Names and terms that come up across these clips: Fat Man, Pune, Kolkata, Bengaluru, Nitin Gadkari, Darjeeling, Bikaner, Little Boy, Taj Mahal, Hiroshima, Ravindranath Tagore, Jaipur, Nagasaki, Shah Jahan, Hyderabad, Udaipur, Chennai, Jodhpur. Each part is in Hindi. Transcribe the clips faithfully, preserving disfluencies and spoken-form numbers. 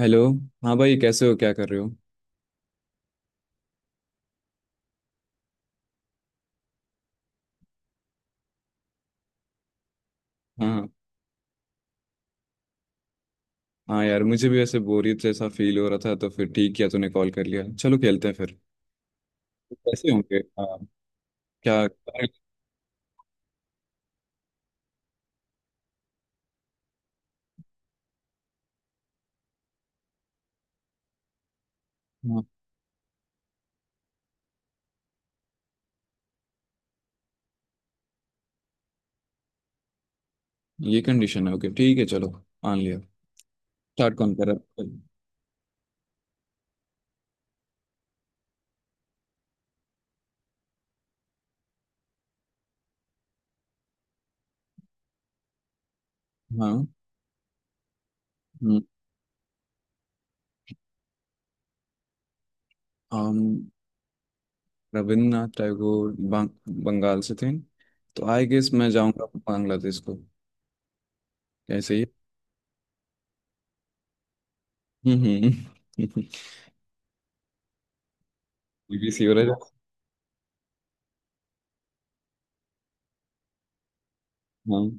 हेलो। हाँ भाई, कैसे हो? क्या कर रहे हो? हाँ, हाँ यार, मुझे भी ऐसे बोरियत जैसा फील हो रहा था, तो फिर ठीक किया तूने कॉल कर लिया। चलो खेलते हैं फिर। कैसे होंगे? हाँ, क्या? हाँ। ये कंडीशन है? ओके, ठीक है, चलो। मान लिया। स्टार्ट कौन कर रहा है? हाँ। हम्म। हम। रविन्द्रनाथ टैगोर बंग, बंगाल से थे, तो आई गेस मैं जाऊंगा बांग्लादेश को। कैसे ही। हम्म हम्म। B B C हो रहा है। हाँ।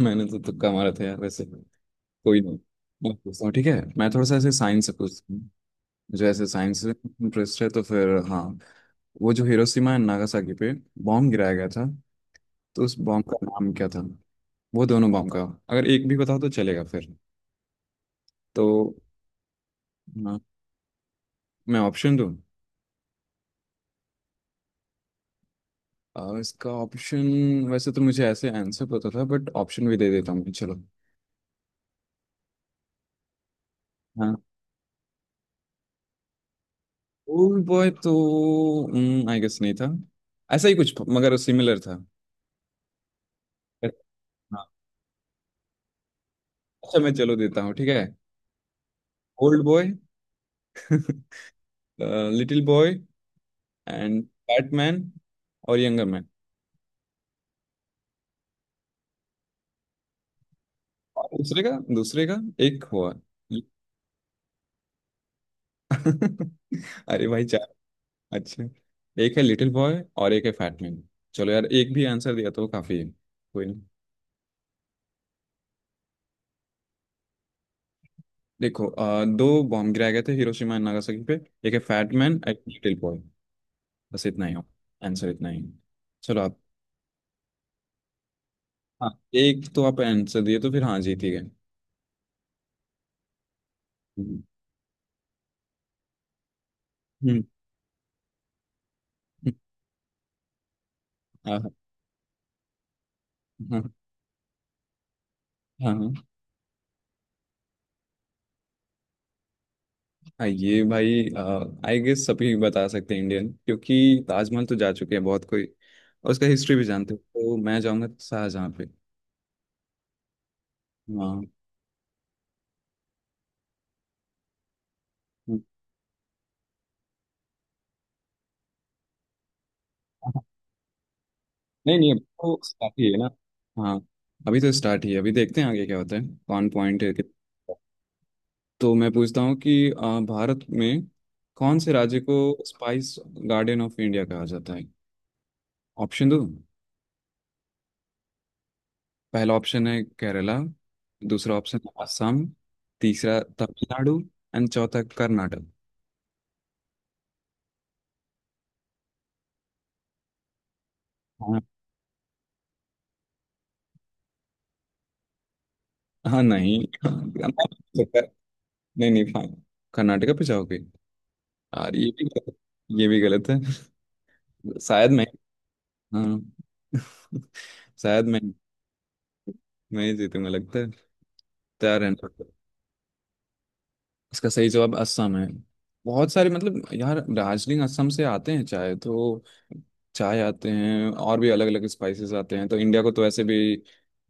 मैंने तो तुक्का मारा था यार वैसे। कोई नहीं। मैं पूछता हूँ, ठीक है? मैं थोड़ा सा ऐसे साइंस से पूछता हूँ। मुझे ऐसे साइंस से इंटरेस्ट है तो फिर, हाँ। वो जो हिरोशिमा एंड नागासाकी पे बॉम्ब गिराया गया था, तो उस बॉम्ब का नाम क्या था? वो दोनों बॉम्ब का। अगर एक भी बताओ तो चलेगा फिर। तो हाँ, मैं ऑप्शन दूँ? आ, इसका ऑप्शन। वैसे तो मुझे ऐसे आंसर पता था, बट ऑप्शन भी दे देता हूँ मैं, चलो। हाँ। ओल्ड बॉय तो आई गेस नहीं था, ऐसा ही कुछ मगर सिमिलर था। हाँ। अच्छा, मैं चलो देता हूँ, ठीक है। Old boy. Little Boy and Batman और यंगर मैन। और दूसरे का। दूसरे का एक हुआ। अरे भाई चार। अच्छा, एक है लिटिल बॉय और एक है फैटमैन। चलो यार, एक भी आंसर दिया तो काफी है, कोई नहीं। देखो अ, दो बॉम्ब गिराए गए थे हिरोशिमा एंड नागासाकी पे। एक है फैटमैन, एक लिटिल बॉय। बस इतना ही हो। आंसर इतना ही है। चलो आप। हाँ, एक तो आप आंसर दिए तो फिर हाँ, जीती गए। हम्म हम्म, हाँ हाँ हाँ हाँ। हाँ ये भाई, आई गेस सभी बता सकते हैं इंडियन, क्योंकि ताजमहल तो जा चुके हैं बहुत कोई और उसका हिस्ट्री भी जानते हो। तो मैं जाऊंगा शाहजहाँ पे। हाँ। नहीं, नहीं अभी तो स्टार्ट ही है ना। हाँ। अभी तो स्टार्ट ही है, अभी देखते हैं आगे क्या होता है। कौन पॉइंट है कित- तो मैं पूछता हूँ कि अ, भारत में कौन से राज्य को स्पाइस गार्डन ऑफ इंडिया कहा जाता है? ऑप्शन दो। पहला ऑप्शन है केरला। दूसरा ऑप्शन है असम। तीसरा तमिलनाडु। एंड चौथा कर्नाटक। हाँ हाँ। नहीं नहीं नहीं फाइन। कर्नाटका पे जाओगे? यार ये भी गलत- ये भी गलत है। शायद मैं। हाँ। शायद मैं मैं ही जीतूंगा लगता है। तैयार है ना? इसका सही जवाब असम है। बहुत सारे, मतलब यार, दार्जिलिंग असम से आते हैं, चाय तो। चाय आते हैं और भी अलग अलग स्पाइसेस आते हैं, तो इंडिया को तो ऐसे भी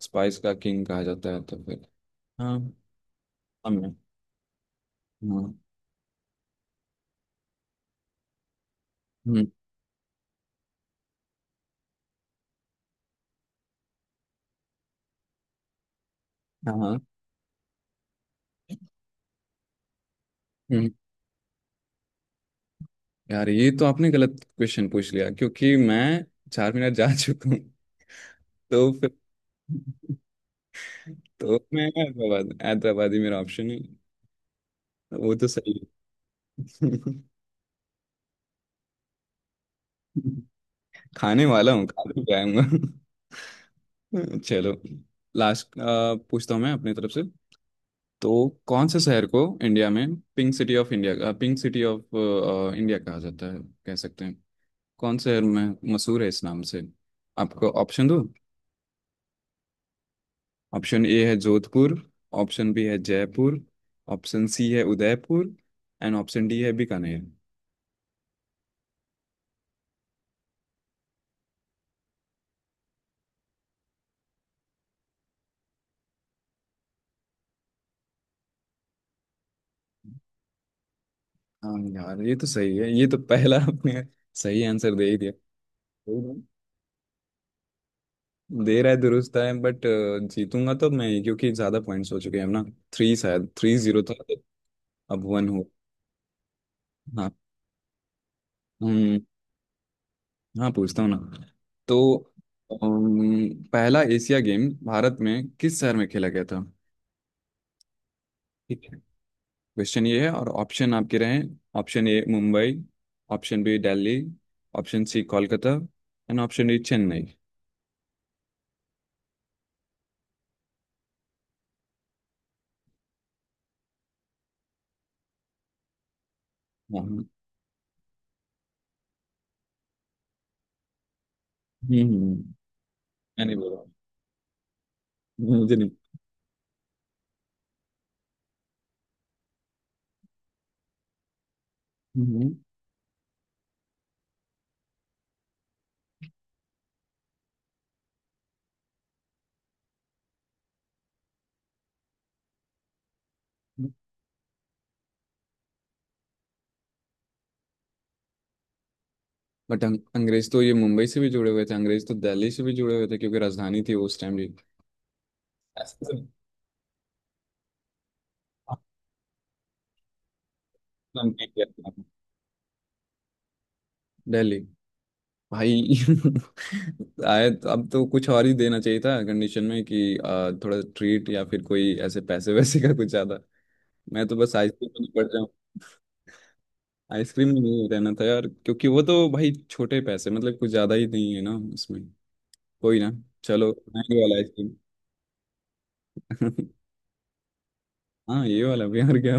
स्पाइस का किंग कहा जाता है तो फिर। हाँ असम है। हाँ। हम्म। हाँ हाँ, हम्म। यार ये तो आपने गलत क्वेश्चन पूछ लिया, क्योंकि मैं चार मिनट जा चुका हूँ तो फिर। तो मैं हैदराबाद, हैदराबाद ही मेरा ऑप्शन है। वो तो सही है। खाने वाला हूँ, खा भी जाऊंगा। हम्म, चलो लास्ट पूछता हूँ मैं अपनी तरफ से। तो कौन से शहर को इंडिया में pink city of India, pink city of India कहा जाता है, कह सकते हैं? कौन से शहर में मशहूर है इस नाम से? आपको ऑप्शन दो। ऑप्शन ए है जोधपुर। ऑप्शन बी है जयपुर। ऑप्शन सी है उदयपुर। एंड ऑप्शन डी है बीकानेर। हाँ यार, ये तो सही है, ये तो पहला आपने सही आंसर दे ही दिया। दे रहा है दुरुस्त टाइम, बट जीतूंगा तो मैं ही, क्योंकि ज्यादा पॉइंट्स हो चुके हैं ना। थ्री, शायद थ्री जीरो था, तो अब वन हो। हाँ। हम्म। हाँ पूछता हूँ ना। तो अम, पहला एशिया गेम भारत में किस शहर में खेला गया था? ठीक है, क्वेश्चन ये है और ऑप्शन आपके रहे। Option A Mumbai. Option B Delhi. Option C Kolkata. And option D Chennai. हाँ, हम्म। हम्म, मैं नहीं बोल रहा हूँ, मुझे नहीं। हम्म। बट अं- अंग्रेज तो ये मुंबई से भी जुड़े हुए थे, अंग्रेज तो दिल्ली से भी जुड़े हुए थे क्योंकि राजधानी थी वो उस टाइम भी। ऐसे तो नाम नहीं किया था। दिल्ली भाई। आए तो अब तो कुछ और ही देना चाहिए था कंडीशन में कि आ, थोड़ा ट्रीट या फिर कोई ऐसे पैसे वैसे का कुछ ज्यादा। मैं तो बस आइसक्रीम में पड़ जाऊँ। आइसक्रीम में नहीं रहना था यार, क्योंकि वो तो भाई छोटे पैसे, मतलब कुछ ज्यादा ही नहीं है ना उसमें। कोई ना, चलो ये वाला आइसक्रीम। हाँ ये वाला भी यार, क्या।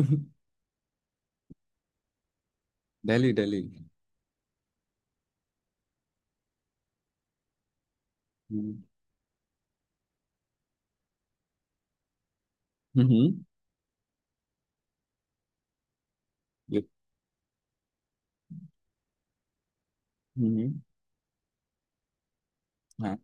दिल्ली, दिल्ली। हम्म हम्म। ये हम्म। हाँ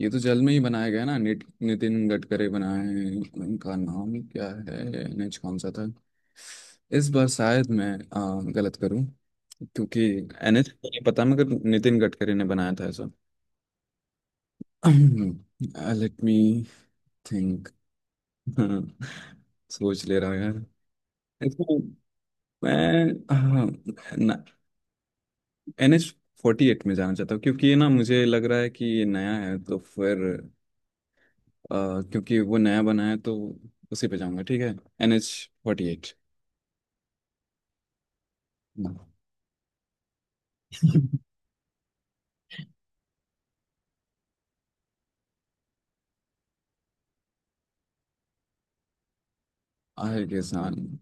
ये तो जल में ही बनाया गया ना नित, नितिन गडकरी बनाए हैं। उनका नाम क्या है? एन एच कौन सा था? इस बार शायद मैं आ, गलत करूं, क्योंकि एन एच तो नहीं पता, मगर नितिन गडकरी ने बनाया था ऐसा। Late me think. सोच ले रहा हूं यार इसमें। मैं एन एच फोर्टी एट में जाना चाहता हूँ, क्योंकि ये ना मुझे लग रहा है कि ये नया है तो फिर, अ, क्योंकि वो नया बना है तो उसी पे जाऊंगा, ठीक है? N H forty eight. आहिर के साथ।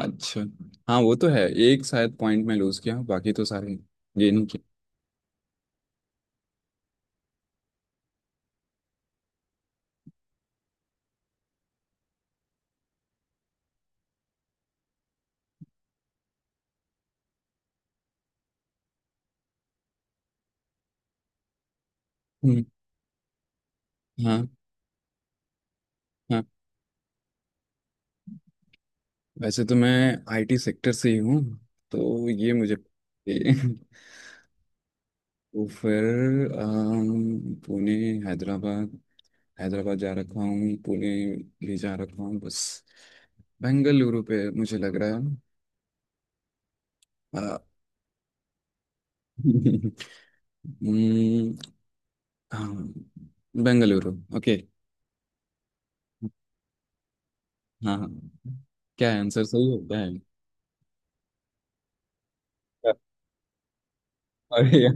अच्छा। हाँ वो तो है, एक शायद पॉइंट में लूज किया, बाकी तो सारे गेन किए। हम्म, हाँ हाँ। वैसे तो मैं आईटी सेक्टर से ही हूँ तो ये मुझे। तो फिर अम, पुणे, हैदराबाद। हैदराबाद जा रखा हूँ, पुणे भी जा रखा हूँ, बस बेंगलुरु पे मुझे लग रहा है अ, हम्म, हाँ बेंगलुरु। ओके। हाँ हाँ। क्या है आंसर? सही होता है? क्या? अरे यार।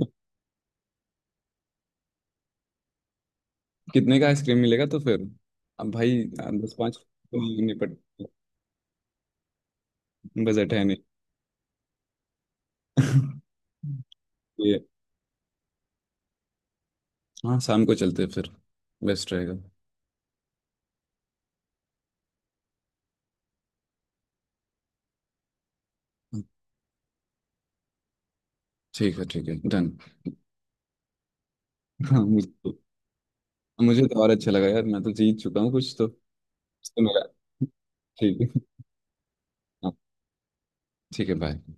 कितने का आइसक्रीम मिलेगा तो फिर? अब भाई दस पाँच तो नहीं, निपट बजट है नहीं। ये, हाँ शाम को चलते हैं फिर, बेस्ट रहेगा। ठीक है, ठीक है, डन। हाँ मुझे तो। मुझे तो और अच्छा लगा यार, मैं तो जीत चुका हूँ कुछ तो, तो मेरा। ठीक है। हाँ ठीक है, बाय।